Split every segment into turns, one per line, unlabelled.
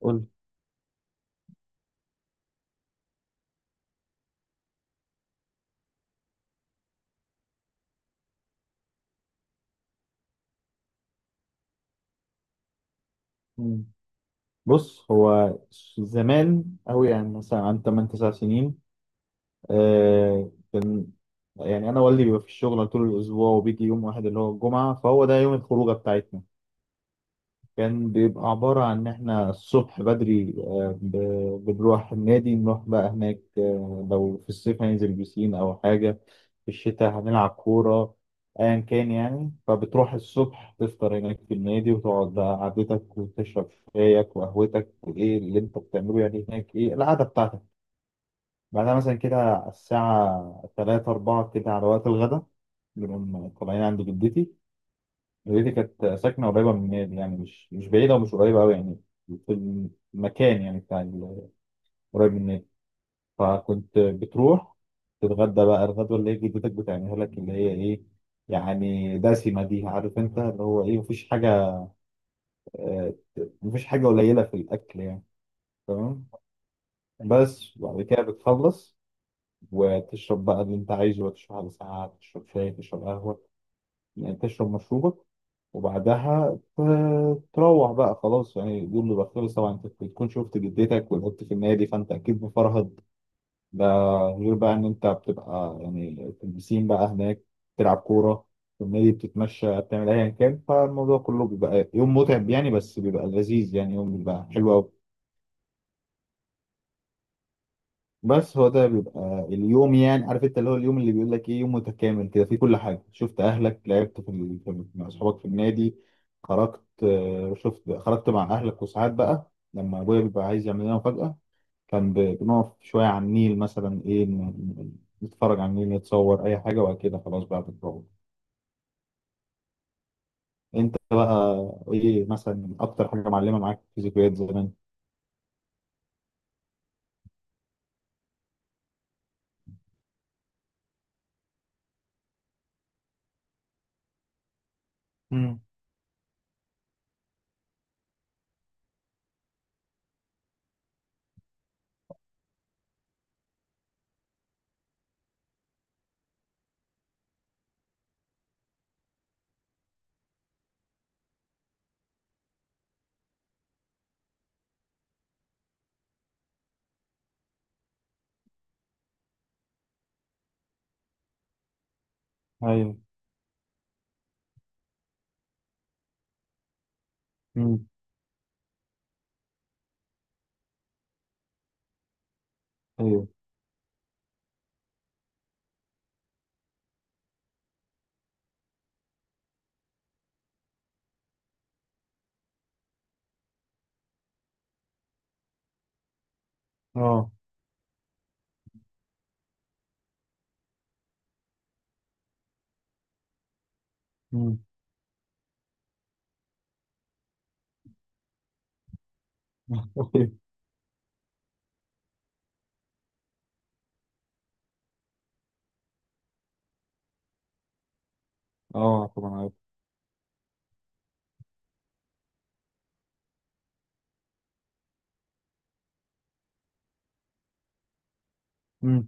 قول. مم. بص، هو زمان أوي، يعني مثلا عن 8 9 سنين. كان يعني أنا والدي بيبقى في الشغل طول الأسبوع، وبيجي يوم واحد اللي هو الجمعة، فهو ده يوم الخروجة بتاعتنا. كان بيبقى عبارة عن إن إحنا الصبح بدري، بنروح النادي. نروح بقى هناك، لو في الصيف هننزل بسين أو حاجة، في الشتاء هنلعب كورة، أيا كان يعني. فبتروح الصبح تفطر هناك في النادي، وتقعد بقى قعدتك، وتشرب شايك وقهوتك، وإيه اللي أنت بتعمله يعني هناك، إيه القعدة بتاعتك. بعدها مثلا كده على الساعة تلاتة أربعة كده، على وقت الغدا، بنقوم طالعين عند جدتي. دي كانت ساكنة قريبة من النادي، يعني مش بعيدة ومش قريبة أوي يعني. في المكان يعني بتاع قريب من النادي. فكنت بتروح تتغدى بقى الغدوة اللي هي جدتك بتعملها لك، اللي هي إيه، يعني دسمة، دي عارف أنت اللي هو إيه، مفيش حاجة، آه، مفيش حاجة قليلة في الأكل يعني. تمام. بس وبعد كده بتخلص، وتشرب بقى اللي أنت عايزه، وتشرب على ساعة، تشرب شاي، تشرب قهوة، يعني تشرب مشروبك. وبعدها تروح بقى خلاص، يعني اليوم بيبقى خلص. طبعا انت بتكون شفت جدتك ولعبت في النادي، فانت اكيد مفرهد. ده غير بقى ان انت بتبقى يعني في البسين بقى هناك، تلعب كوره في النادي، بتتمشى، بتعمل ايا كان. فالموضوع كله بيبقى يوم متعب يعني، بس بيبقى لذيذ، يعني يوم بيبقى حلو قوي. بس هو ده بيبقى اليوم، يعني عارف انت اللي هو اليوم اللي بيقول لك ايه، يوم متكامل كده فيه كل حاجه. شفت اهلك، لعبت في مع اصحابك في النادي، خرجت، شفت، خرجت مع اهلك. وساعات بقى لما ابويا بيبقى عايز يعمل لنا مفاجاه، كان بنقف شويه على النيل مثلا، ايه نتفرج على النيل، نتصور اي حاجه، وبعد كده خلاص بقى بنروح. انت بقى ايه مثلا اكتر حاجه معلمه معاك في ذكريات زمان؟ امم، ايوه. امم، ايوه. اه. امم. اه طبعا. عارف.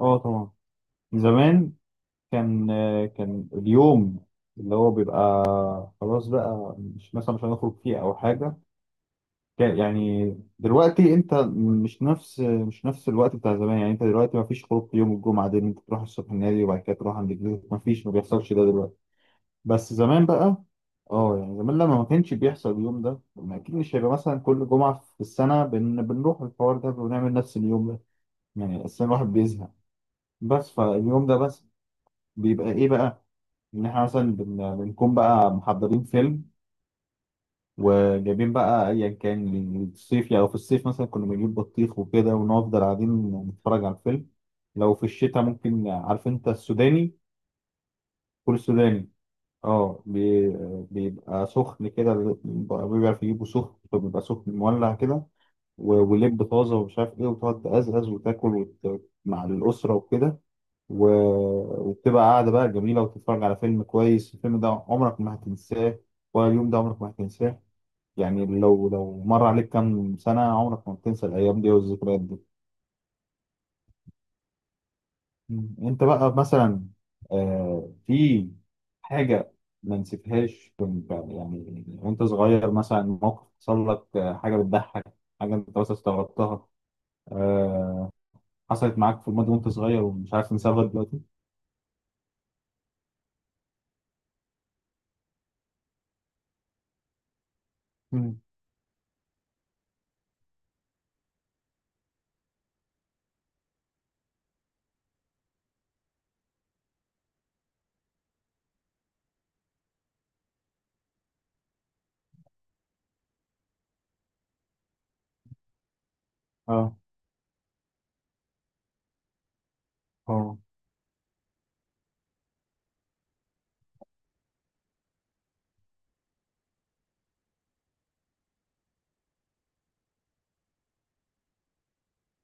اه طبعا. زمان كان، كان اليوم اللي هو بيبقى خلاص بقى، مش مثلا مش هنخرج فيه او حاجه. يعني دلوقتي انت، مش نفس الوقت بتاع زمان. يعني انت دلوقتي ما فيش خروج في يوم الجمعه ده، إن انت تروح الصبح النادي وبعد كده تروح عند جدتك. ما فيش، ما بيحصلش ده دلوقتي. بس زمان بقى، اه يعني زمان لما ما كانش بيحصل اليوم ده، ما اكيد مش هيبقى مثلا كل جمعه في السنه بنروح الحوار ده ونعمل نفس اليوم ده. يعني اصلا الواحد بيزهق. بس فاليوم ده بس بيبقى ايه بقى، ان احنا مثلا بنكون بقى محضرين فيلم، وجايبين بقى ايا كان. الصيف يعني لو في الصيف مثلا كنا بنجيب بطيخ وكده ونفضل قاعدين نتفرج على الفيلم. لو في الشتاء ممكن عارف انت السوداني، فول السوداني. اه بيبقى سخن كده، بيعرف يجيبه سخن فبيبقى سخن مولع كده، ولب طازه ومش عارف ايه، وتقعد تقزقز وتاكل مع الاسره وكده. و... وبتبقى قاعدة بقى جميلة، وتتفرج على فيلم كويس. الفيلم ده عمرك ما هتنساه، ولا اليوم ده عمرك ما هتنساه. يعني لو مر عليك كام سنة عمرك ما هتنسى الأيام دي والذكريات دي. مم. أنت بقى مثلا، في حاجة ما نسيتهاش كنت يعني وأنت صغير، مثلا موقف حصل لك، حاجة بتضحك، حاجة أنت بس استغربتها، آه حصلت معاك في الماضي وأنت صغير ومش عارف تنساها لغاية دلوقتي؟ مم. اه. اه.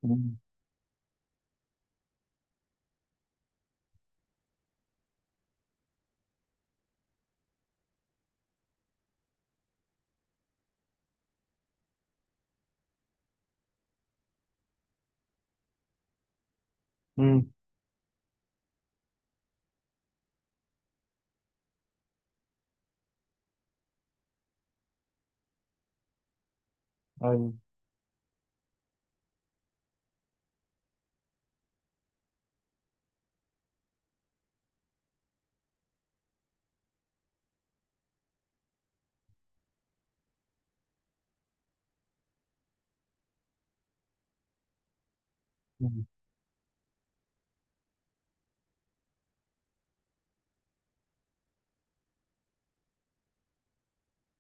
مم. مم. ايوه. مم.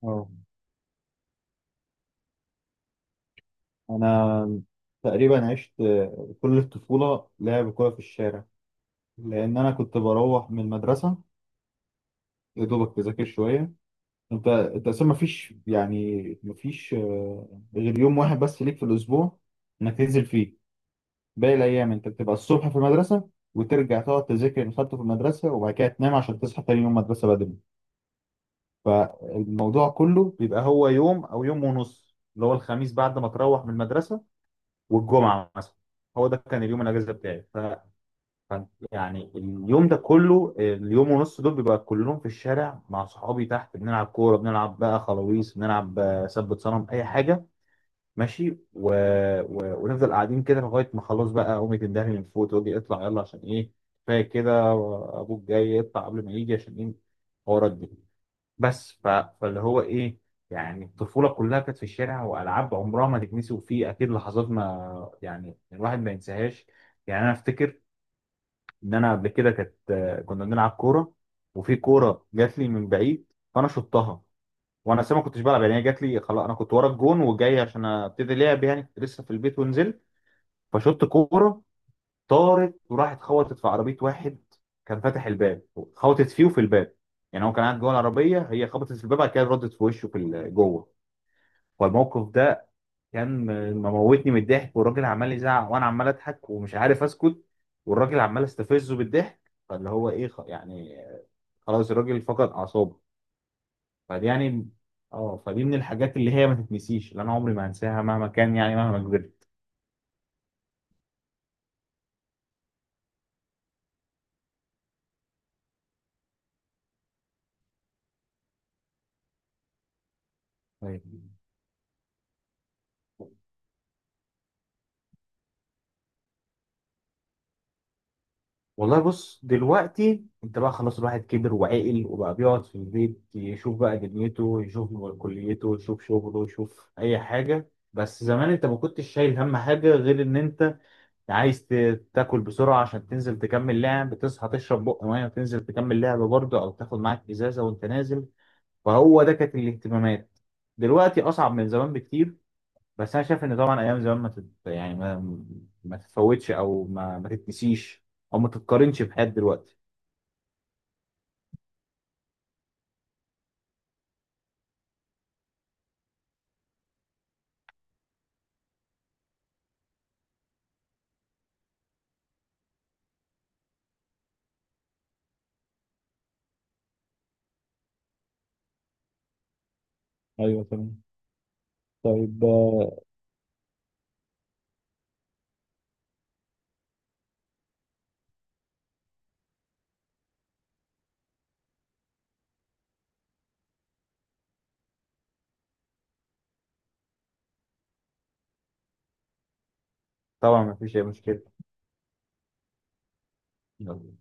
اه. انا تقريبا عشت كل الطفوله لعب كوره في الشارع، لان انا كنت بروح من المدرسه يا دوبك تذاكر شويه. انت اصلا مفيش، يعني مفيش، غير يوم واحد بس ليك في الاسبوع انك تنزل فيه. باقي الايام انت بتبقى الصبح في المدرسه، وترجع تقعد تذاكر اللي خدته في المدرسه، وبعد كده تنام عشان تصحى تاني يوم مدرسه بدري. فالموضوع كله بيبقى هو يوم او يوم ونص، اللي هو الخميس بعد ما تروح من المدرسه والجمعه مثلا. هو ده كان اليوم الاجازه بتاعي. ف كان- يعني اليوم ده كله، اليوم ونص دول، بيبقى كلهم في الشارع مع صحابي تحت، بنلعب كوره، بنلعب بقى خلاويص، بنلعب سبت صنم، اي حاجه ماشي. ونفضل قاعدين كده لغايه ما خلاص بقى امي تندهني من فوق تقول لي اطلع يلا، عشان ايه كفايه كده، ابوك جاي اطلع قبل ما يجي، عشان ايه حوارات دي. فاللي هو ايه، يعني الطفوله كلها كانت في الشارع، والعاب عمرها ما تتنسي. وفي اكيد لحظات ما يعني الواحد ما ينساهاش. يعني انا افتكر ان انا قبل كده كانت، كنا بنلعب كوره، وفي كوره جات لي من بعيد فانا شطها، وانا أساسا ما كنتش بلعب يعني، هي جات لي خلاص، انا كنت ورا الجون وجاي عشان ابتدي لعب يعني، كنت لسه في البيت ونزلت. فشط كوره طارت وراحت خبطت في عربيه واحد كان فاتح الباب. خبطت فيه وفي الباب، يعني هو كان قاعد جوه العربيه، هي خبطت في الباب بعد كده ردت في وشه في جوه. فالموقف ده كان مموتني من الضحك، والراجل عمال يزعق وانا عمال اضحك ومش عارف اسكت، والراجل عمال استفزه بالضحك، فاللي هو ايه، يعني خلاص الراجل فقد اعصابه. فدي يعني، اه فدي من الحاجات اللي هي ما تتنسيش، اللي انا عمري ما هنساها مهما كان، يعني مهما كبرت. والله بص، دلوقتي انت بقى خلاص، الواحد كبر وعقل وبقى بيقعد في البيت يشوف بقى دنيته، يشوف كليته، يشوف شغله، يشوف اي حاجة. بس زمان انت ما كنتش شايل هم حاجة غير ان انت عايز تاكل بسرعة عشان تنزل تكمل لعب، تصحى تشرب بق مية وتنزل تكمل لعب برضه، او تاخد معاك ازازة وانت نازل. فهو ده كانت الاهتمامات. دلوقتي اصعب من زمان بكتير. بس انا شايف ان طبعا ايام زمان ما تت... يعني ما تتفوتش، او ما تتنسيش، او ما تتقارنش بحياة دلوقتي. ايوه تمام. طيب، طبعا ما فيش اي مشكلة. يلا.